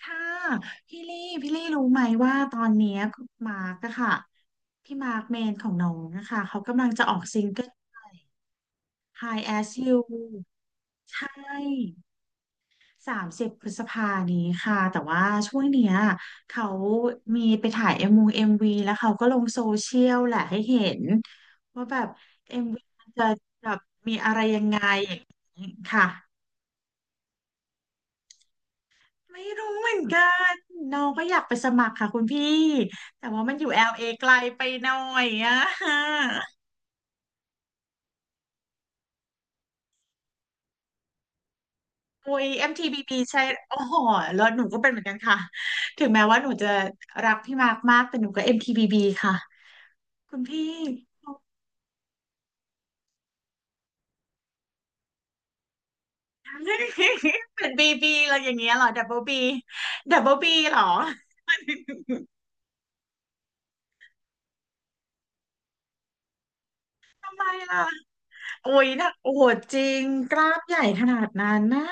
ค่ะพี่ลี่รู้ไหมว่าตอนเนี้ยมาร์กอะค่ะพี่มาร์กเมนของน้องอะค่ะเขากำลังจะออกซิงเกิล High As You ใช่30 พฤษภานี้ค่ะแต่ว่าช่วงเนี้ยเขามีไปถ่ายเอ็มวีแล้วเขาก็ลงโซเชียลแหละให้เห็นว่าแบบเอ็มวีมันจะแบบมีอะไรยังไงอย่างนี้ค่ะ ไม่รู้เหมือนกันน้องก็อยากไปสมัครค่ะคุณพี่แต่ว่ามันอยู่ LA ไกลไปหน่อยอะอุ้ย MTBB ใช่โอ้โหแล้วหนูก็เป็นเหมือนกันค่ะถึงแม้ว่าหนูจะรักพี่มากมากแต่หนูก็ MTBB ค่ะคุณพี่ เป็น BB อะไรอย่างเงี้ยเหรอ Double B Double B เบิลบีเหรอ ทำไมล่ะโอ้ยนะโอ้โหจริงกราฟใหญ่ขนาดนั้นน่ะ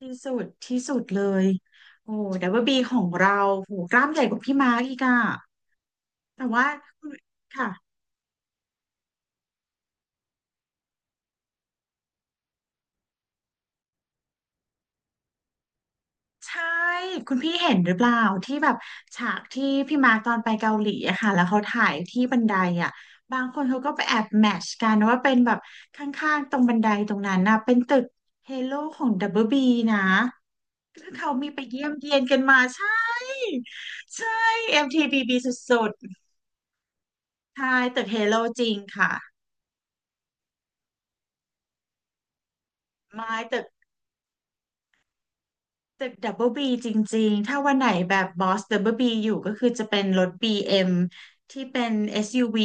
ที่สุดที่สุดเลยโอ้ WB ของเราโหกล้ามใหญ่กว่าพี่มาร์กอีกอะแต่ว่าค่ะใช่คุณพี่เห็นหรือเปล่าที่แบบฉากที่พี่มาร์กตอนไปเกาหลีอะค่ะแล้วเขาถ่ายที่บันไดอะบางคนเขาก็ไปแอบแมทช์กันว่าเป็นแบบข้างๆตรงบันไดตรงนั้นนะเป็นตึกเฮโลของ WB นะคือเขามีไปเยี่ยมเยียนกันมาใช่ใช่ MTBB สุดๆใช่ตึกเฮโลจริงค่ะไม้ตึก ตึกดับเบิลบีจริงๆ ถ้าวันไหนแบบบอสดับเบิลบีอยู่ก็คือจะเป็นรถ BM ที่เป็น SUV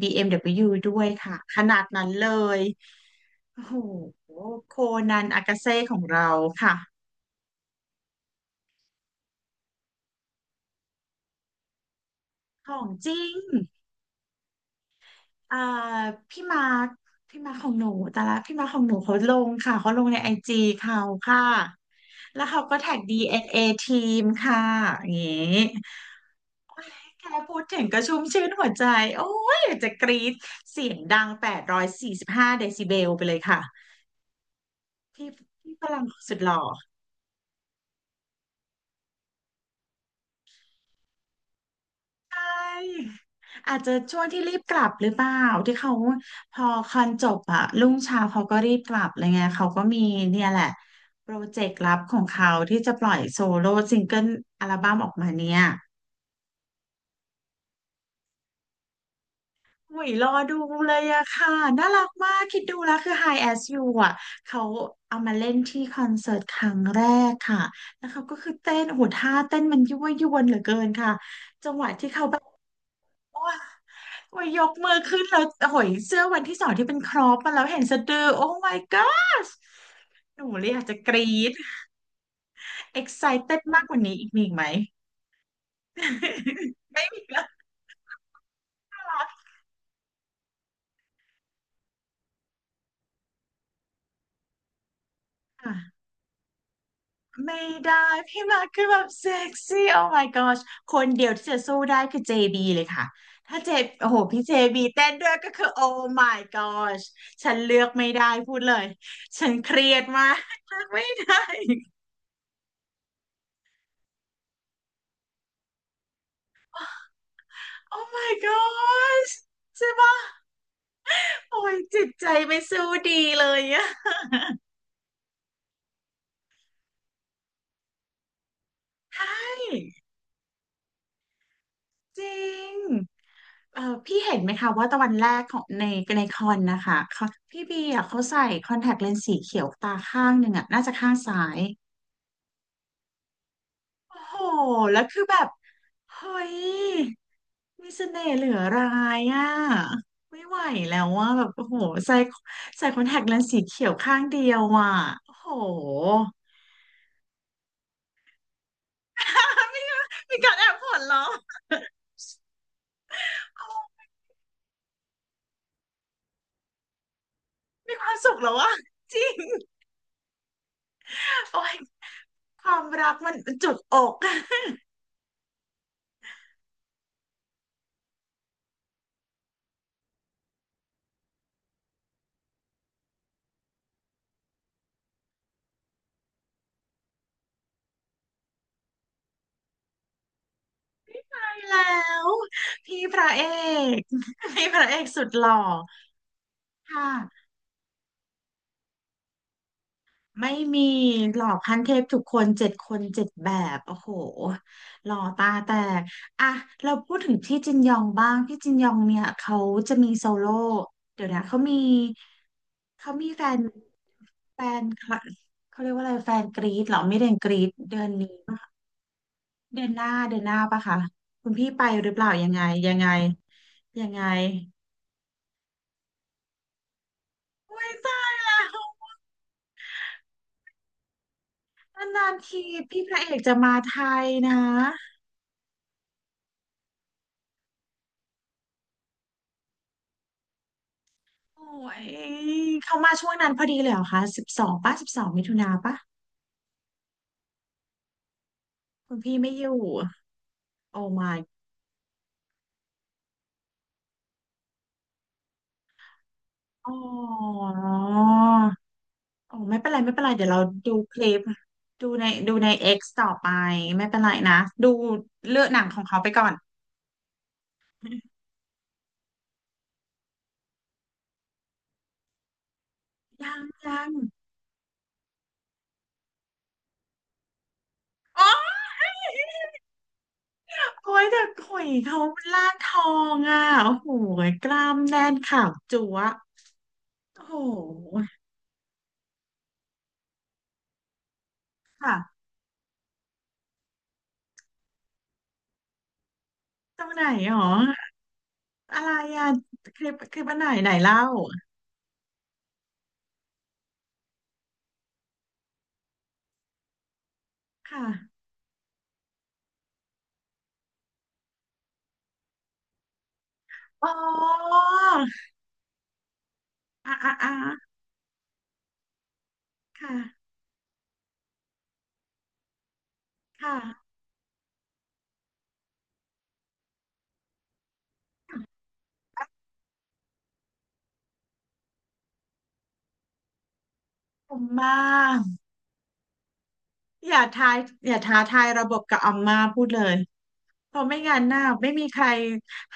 BMW ดบเบิลยูด้วยค่ะขนาดนั้นเลยโอ้โหโคนันอากาเซ่ของเราค่ะของจริงอ่าพี่มาร์คพี่มาร์คของหนูแต่ละพี่มาร์คของหนูเขาลงค่ะเขาลงในไอจีเขาค่ะแล้วเขาก็แท็ก DNA ทีมค่ะอย่างงี้ แค่พูดถึงก็ชุ่มชื่นหัวใจโอ้ยอยากจะกรี๊ดเสียงดัง845 เดซิเบลไปเลยค่ะพี่พี่ฝรั่งสุดหล่อใช่อาจจะช่วงที่รีบกลับหรือเปล่าที่เขาพอคอนจบอะรุ่งเช้าเขาก็รีบกลับอะไรเงี้ยเขาก็มีเนี่ยแหละโปรเจกต์ลับของเขาที่จะปล่อยโซโล่ซิงเกิลอัลบั้มออกมาเนี่ย อุยรอดูเลยอะค่ะน่ารักมากคิดดูแล้วคือ High As You อะเขาเอามาเล่นที่คอนเสิร์ตครั้งแรกค่ะแล้วเขาก็คือเต้นโอ้โหท่าเต้นมันยั่วยวนเหลือเกินค่ะเขาโอ้ยโอ้ยยกมือขึ้นแล้วโอ้ยเสื้อวันที่สองที่เป็นครอปมาแล้วเห็นสะดือโอ้ my gosh หนูเลยอยากจะกรี๊ด excited มากกว่านี้อีกมีอีกไหม ไม่มีแล้วน่ารักค่ะ ไม่ได้พี่มาร์คคือแบบเซ็กซี่ oh my gosh คนเดียวที่จะสู้ได้คือ JB เลยค่ะถ้าโอ้โหพี่ JB เต้นด้วยก็คือ oh my gosh ฉันเลือกไม่ได้พูดเลยฉันเครียดมากเลือกไม่ได้ oh my gosh ใช่ปะโอ้ยจิตใจไม่สู้ดีเลยอะใช่จริง เออพี่เห็นไหมคะว่าตะวันแรกของในคอนนะคะเขาพี่บีอ่ะเขาใส่คอนแทคเลนส์สีเขียวตาข้างหนึ่งอ่ะน่าจะข้างซ้ายโอ้โหแล้วคือแบบเฮ้ยมีเสน่ห์เหลือรายอ่ะไม่ไหวแล้วว่าแบบโอ้โหใส่ใส่คอนแทคเลนส์สีเขียวข้างเดียวอ่ะโอ้โห มีมีการแอบหัวเราะมีความสุขแล้ววะจริงโอ้ยความรักมันจุกอก แล้วพี่พระเอก พี่พระเอกสุดหล่อค่ะไม่มีหล่อขั้นเทพทุกคนเจ็ดคนเจ็ดแบบโอ้โหหล่อตาแตกอ่ะเราพูดถึงพี่จินยองบ้างพี่จินยองเนี่ยเขาจะมีโซโล่เดี๋ยวนะเขามีแฟนแฟนคลับเขาเรียกว่าอะไรแฟนกรีดเหรอไม่เดือนกรีดเดือนนี้ปะคะเดือนหน้าเดือนหน้าปะคะคุณพี่ไปหรือเปล่ายังไงยังไงยังไง อุ้ยตายแล้วนานๆทีพี่พระเอกจะมาไทยนะโอ้ยเขามาช่วงนั้นพอดีเลยเหรอคะสิบสองป่ะ12 มิถุนาป่ะคุณพี่ไม่อยู่โอ้ my อ๋อโอ้ไม่เป็นไรไม่เป็นไรเดี๋ยวเราดูคลิปดูใน X ต่อไปไม่เป็นไรนะดูเลือกหนังของเขาไปก่อนยังยังอ๋อโอ้ยแต่หุยเขาล่างทองอ่ะโอ้โหกล้ามแน่นขาวจั๊วะโอ้โหค่ะ ตรงไหนหรออะไรอะคลิปอันไหนไหนเล่าค่ะอ๋ออ่ะอ่ะอ่ะค่ะค่ะผมมาอย่าทายอย่าท้าทายระบบกับอัมมาพูดเลยเพราะไม่งั้นน่ะไม่มีใคร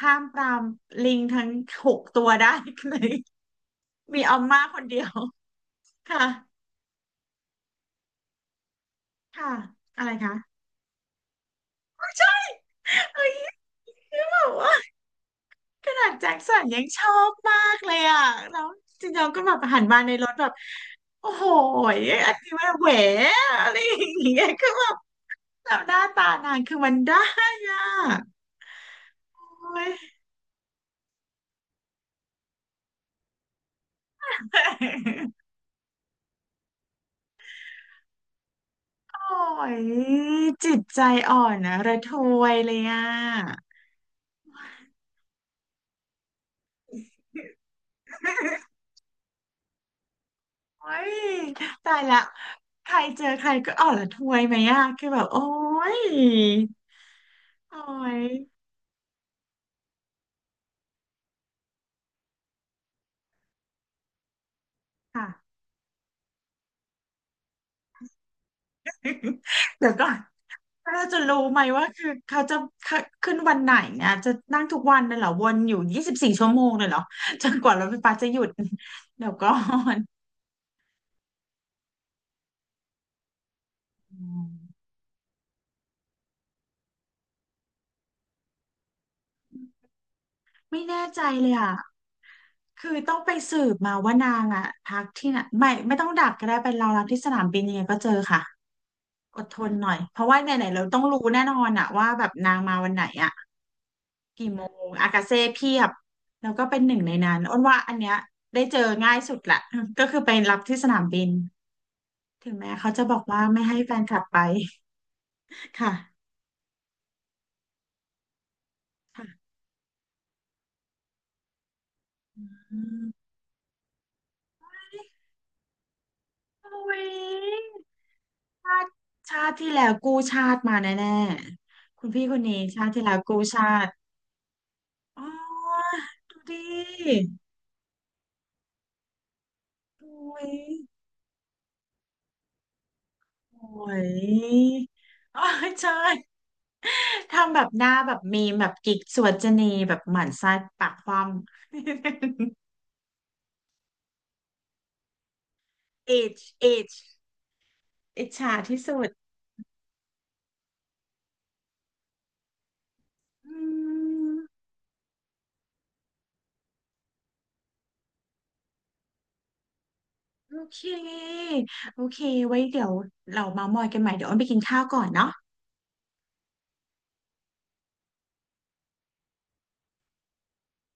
ห้ามปรามลิงทั้งหกตัวได้เลย มีอัมมาคนเดียวค่ะค่ะอะไรคะเอ้ยคือแบบว่าขนาดแจ็คสันยังชอบมากเลยอ่ะแล้วจริงๆก็แบบหันมาในรถแบบ โอ้โหยอันที่ว่าแหวอะไรอย่างเงี้ยคือแบบแบบหน้าตานางคือมันได้อะโอ้ยโอ้ยจิตใจอ่อนนะระทวยเลยอ่ะโอ้ยตายละใครเจอใครก็อ่อนระทวยไหมอ่ะคือแบบโอ้ยโอ้ยค่ะ เดี๋ยวก่อน แล้วเราจะรู้ไหมว่าคือเขาจะขึ้นวันไหนเนี่ยจะนั่งทุกวันเลยเหรอวนอยู่24 ชั่วโมงเลยเหรอจนกว่ารถไฟฟ้าจะหยุด เดี๋ยวก่อนอืมไม่แน่ใจเลยอ่ะคือต้องไปสืบมาว่านางอ่ะพักที่ไหนไม่ต้องดักก็ได้ไปรอรับที่สนามบินยังไงก็เจอค่ะอดทนหน่อยเพราะว่าไหนๆเราต้องรู้แน่นอนอ่ะว่าแบบนางมาวันไหนอ่ะกี่โมงอากาเซ่เพียบแล้วก็เป็นหนึ่งในนั้นอ้นว่าอันเนี้ยได้เจอง่ายสุดละ ก็คือไปรับที่สนามบิน ถึงแม้เขาจะบอกว่าไม่ให้แฟนคลับไป ค่ะค่ะอืมโอ้ยชาติชาติที่แล้วกู้ชาติมาแน่ๆคุณพี่คนนี้ชาติที่แล้วกู้ชาติอ๋อดูดิโอ้ยโอ้ยโอ้ยใช่ทำแบบหน้าแบบมีมแบบกิ๊กสวดจนีแบบหมั่นไส้ปากคว่ำ เอจเอจอิจฉาที่สุดอืม โอเค โอเคไว้เดี๋ยวเราเมามอยกันใหม่ เดี๋ยวอ้นไปกินข้าวก่อนเนาะ